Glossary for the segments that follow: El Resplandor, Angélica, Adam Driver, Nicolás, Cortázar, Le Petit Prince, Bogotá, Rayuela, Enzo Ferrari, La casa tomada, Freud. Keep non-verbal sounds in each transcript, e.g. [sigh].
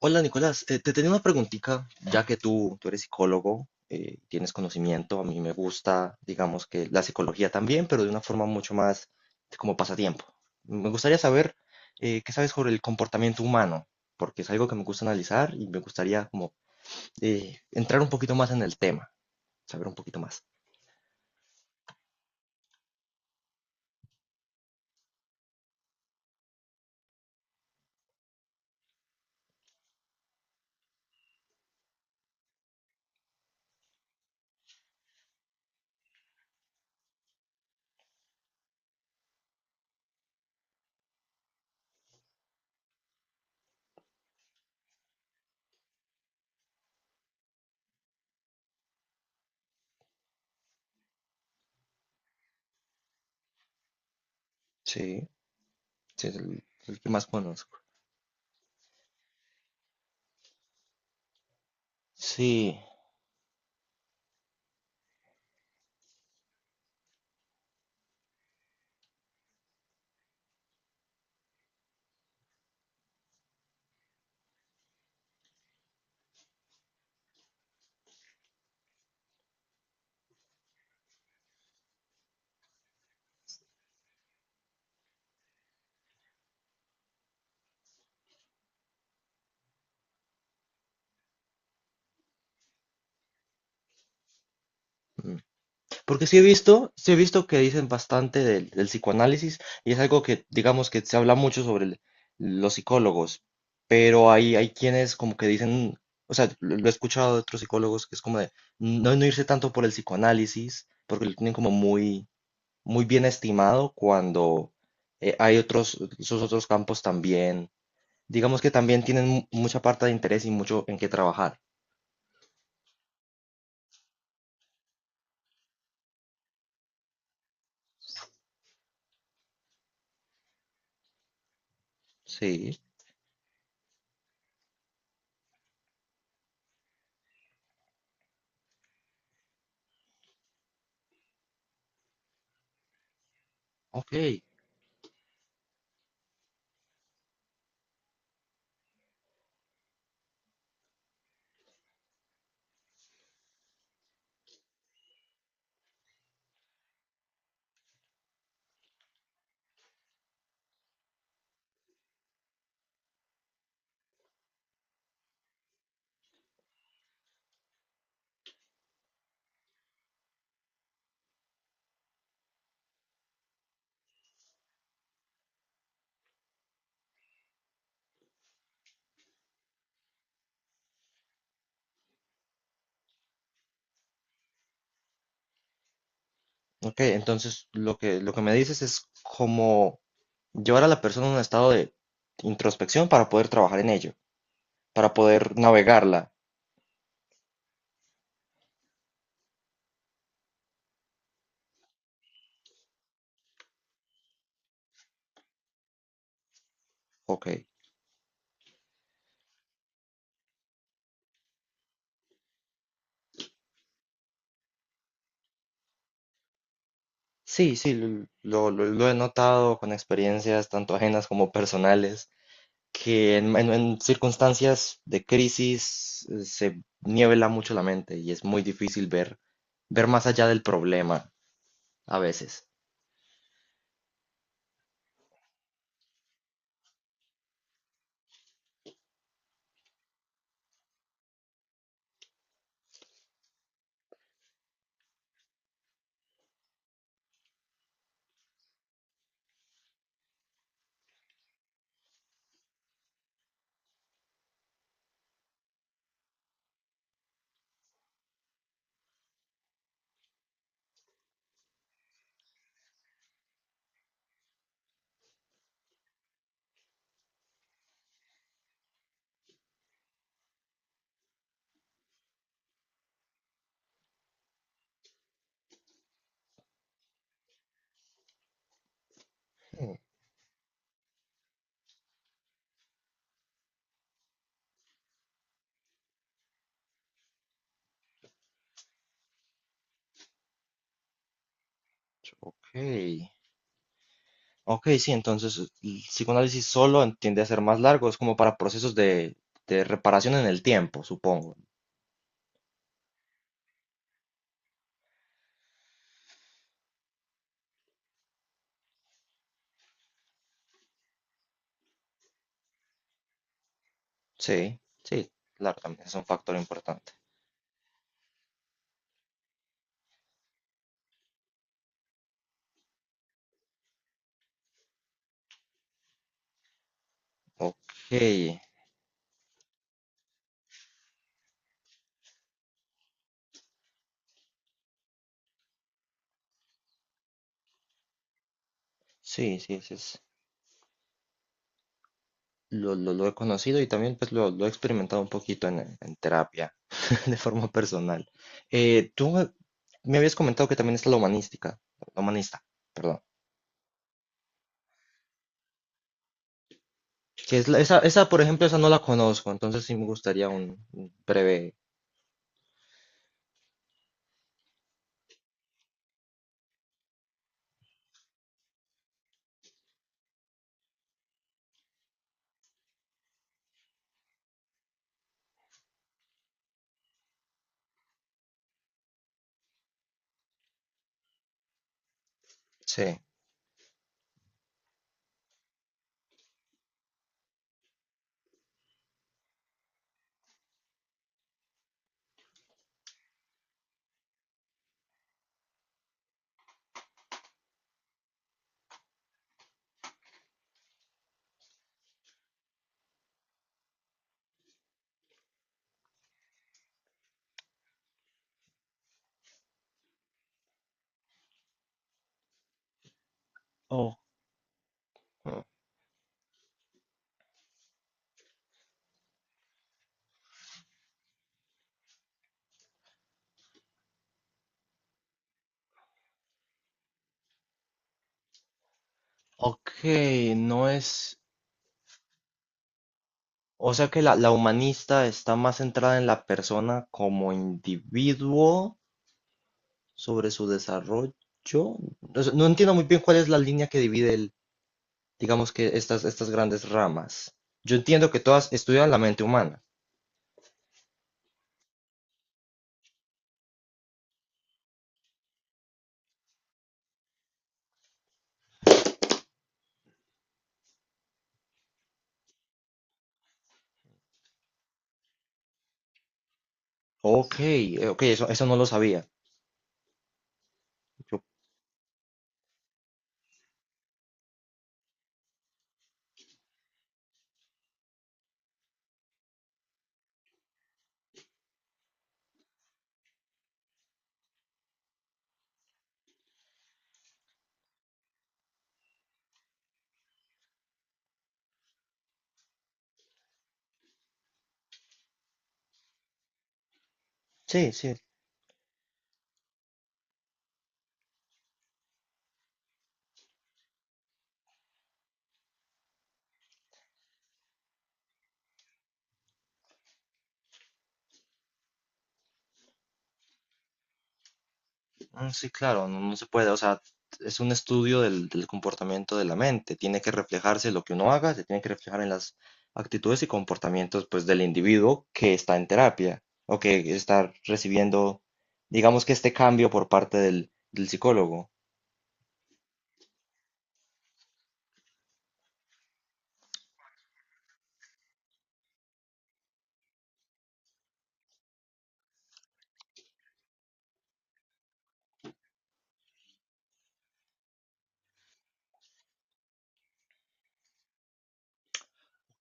Hola Nicolás, te tenía una preguntita, ya que tú eres psicólogo, tienes conocimiento. A mí me gusta, digamos que la psicología también, pero de una forma mucho más de como pasatiempo. Me gustaría saber qué sabes sobre el comportamiento humano, porque es algo que me gusta analizar y me gustaría como entrar un poquito más en el tema, saber un poquito más. Sí, sí, es el que más conozco. Sí. Porque sí he visto que dicen bastante del psicoanálisis, y es algo que, digamos, que se habla mucho sobre los psicólogos, pero hay quienes como que dicen, o sea, lo he escuchado de otros psicólogos que es como de no, no irse tanto por el psicoanálisis, porque lo tienen como muy, muy bien estimado cuando hay otros, esos otros campos también, digamos que también tienen mucha parte de interés y mucho en qué trabajar. Sí, ok. Ok, entonces lo que me dices es como llevar a la persona a un estado de introspección para poder trabajar en ello, para poder navegarla. Ok. Sí, sí, lo he notado con experiencias tanto ajenas como personales, que en circunstancias de crisis se niebla mucho la mente y es muy difícil ver, ver más allá del problema a veces. Ok, ok, sí, entonces el psicoanálisis solo tiende a ser más largo, es como para procesos de reparación en el tiempo, supongo. Sí, sí, claro, también es un factor importante. Ok, sí, sí, sí, es, lo he conocido y también pues lo he experimentado un poquito en terapia, [laughs] de forma personal. Tú me habías comentado que también está la humanística, la humanista, perdón. Que es esa, esa, por ejemplo, esa no la conozco, entonces sí me gustaría un breve. Sí. Oh. Mm. Ok, no es, o sea que la humanista está más centrada en la persona como individuo sobre su desarrollo. No sé, no entiendo muy bien cuál es la línea que divide el, digamos que estas grandes ramas. Yo entiendo que todas estudian la mente humana. Ok, ok, eso no lo sabía. Yo, sí, sí, sí, claro, no, no se puede, o sea, es un estudio del comportamiento de la mente, tiene que reflejarse lo que uno haga, se tiene que reflejar en las actitudes y comportamientos pues del individuo que está en terapia o que está recibiendo, digamos que este cambio por parte del psicólogo.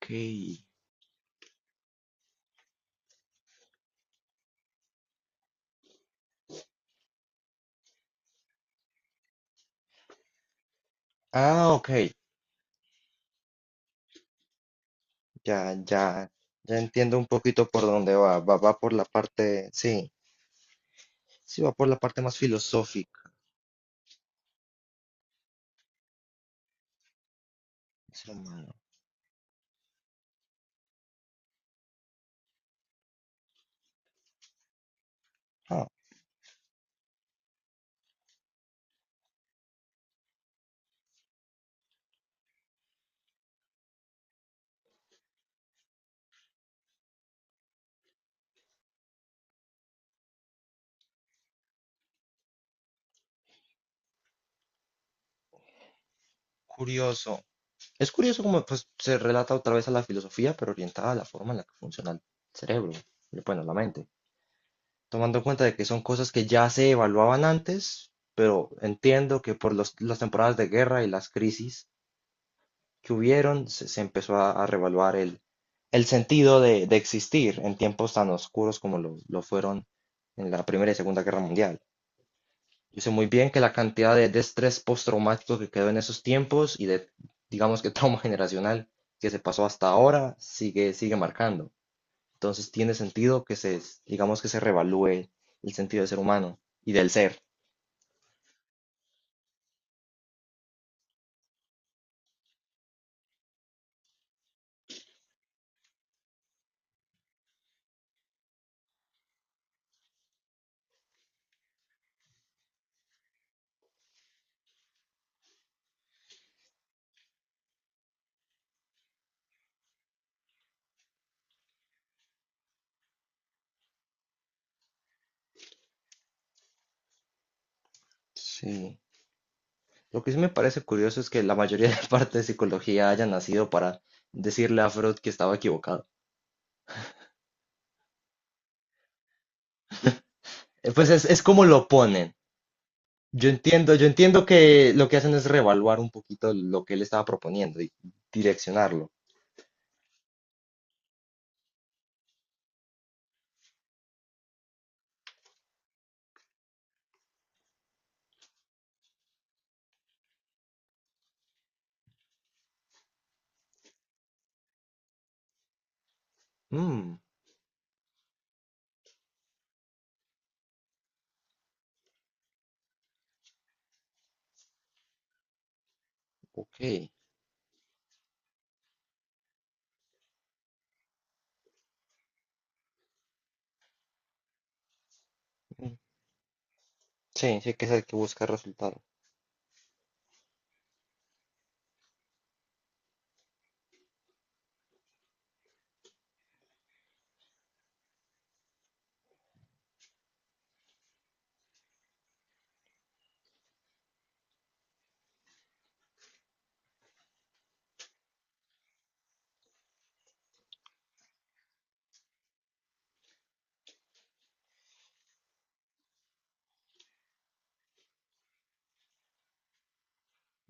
Okay. Ah, ok. Ya, ya, ya entiendo un poquito por dónde va. Va, va por la parte, sí, sí, va por la parte más filosófica. El ser humano. Ah, curioso. Es curioso cómo pues, se relata otra vez a la filosofía, pero orientada a la forma en la que funciona el cerebro, y, bueno, la mente. Tomando en cuenta de que son cosas que ya se evaluaban antes, pero entiendo que por las temporadas de guerra y las crisis que hubieron, se empezó a revaluar el sentido de existir en tiempos tan oscuros como lo fueron en la Primera y Segunda Guerra Mundial. Yo sé muy bien que la cantidad de estrés postraumático que quedó en esos tiempos y de, digamos que [laughs] trauma generacional que se pasó hasta ahora, sigue, sigue marcando. Entonces tiene sentido que se, digamos que se revalúe el sentido del ser humano y del ser. Sí. Lo que sí me parece curioso es que la mayoría de [laughs] la parte de psicología haya nacido para decirle a Freud que estaba equivocado. Pues es como lo ponen. Yo entiendo que lo que hacen es reevaluar un poquito lo que él estaba proponiendo y direccionarlo. Mm, ok. Mm, sí, sí que hay que buscar resultados.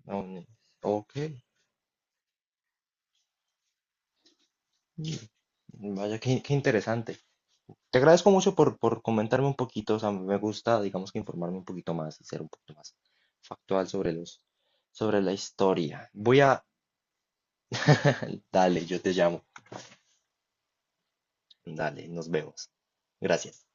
Ah, bueno, ok, vaya, qué, qué interesante. Te agradezco mucho por comentarme un poquito, o sea, me gusta, digamos que informarme un poquito más y ser un poquito más factual sobre los, sobre la historia. Voy a. [laughs] Dale, yo te llamo. Dale, nos vemos. Gracias.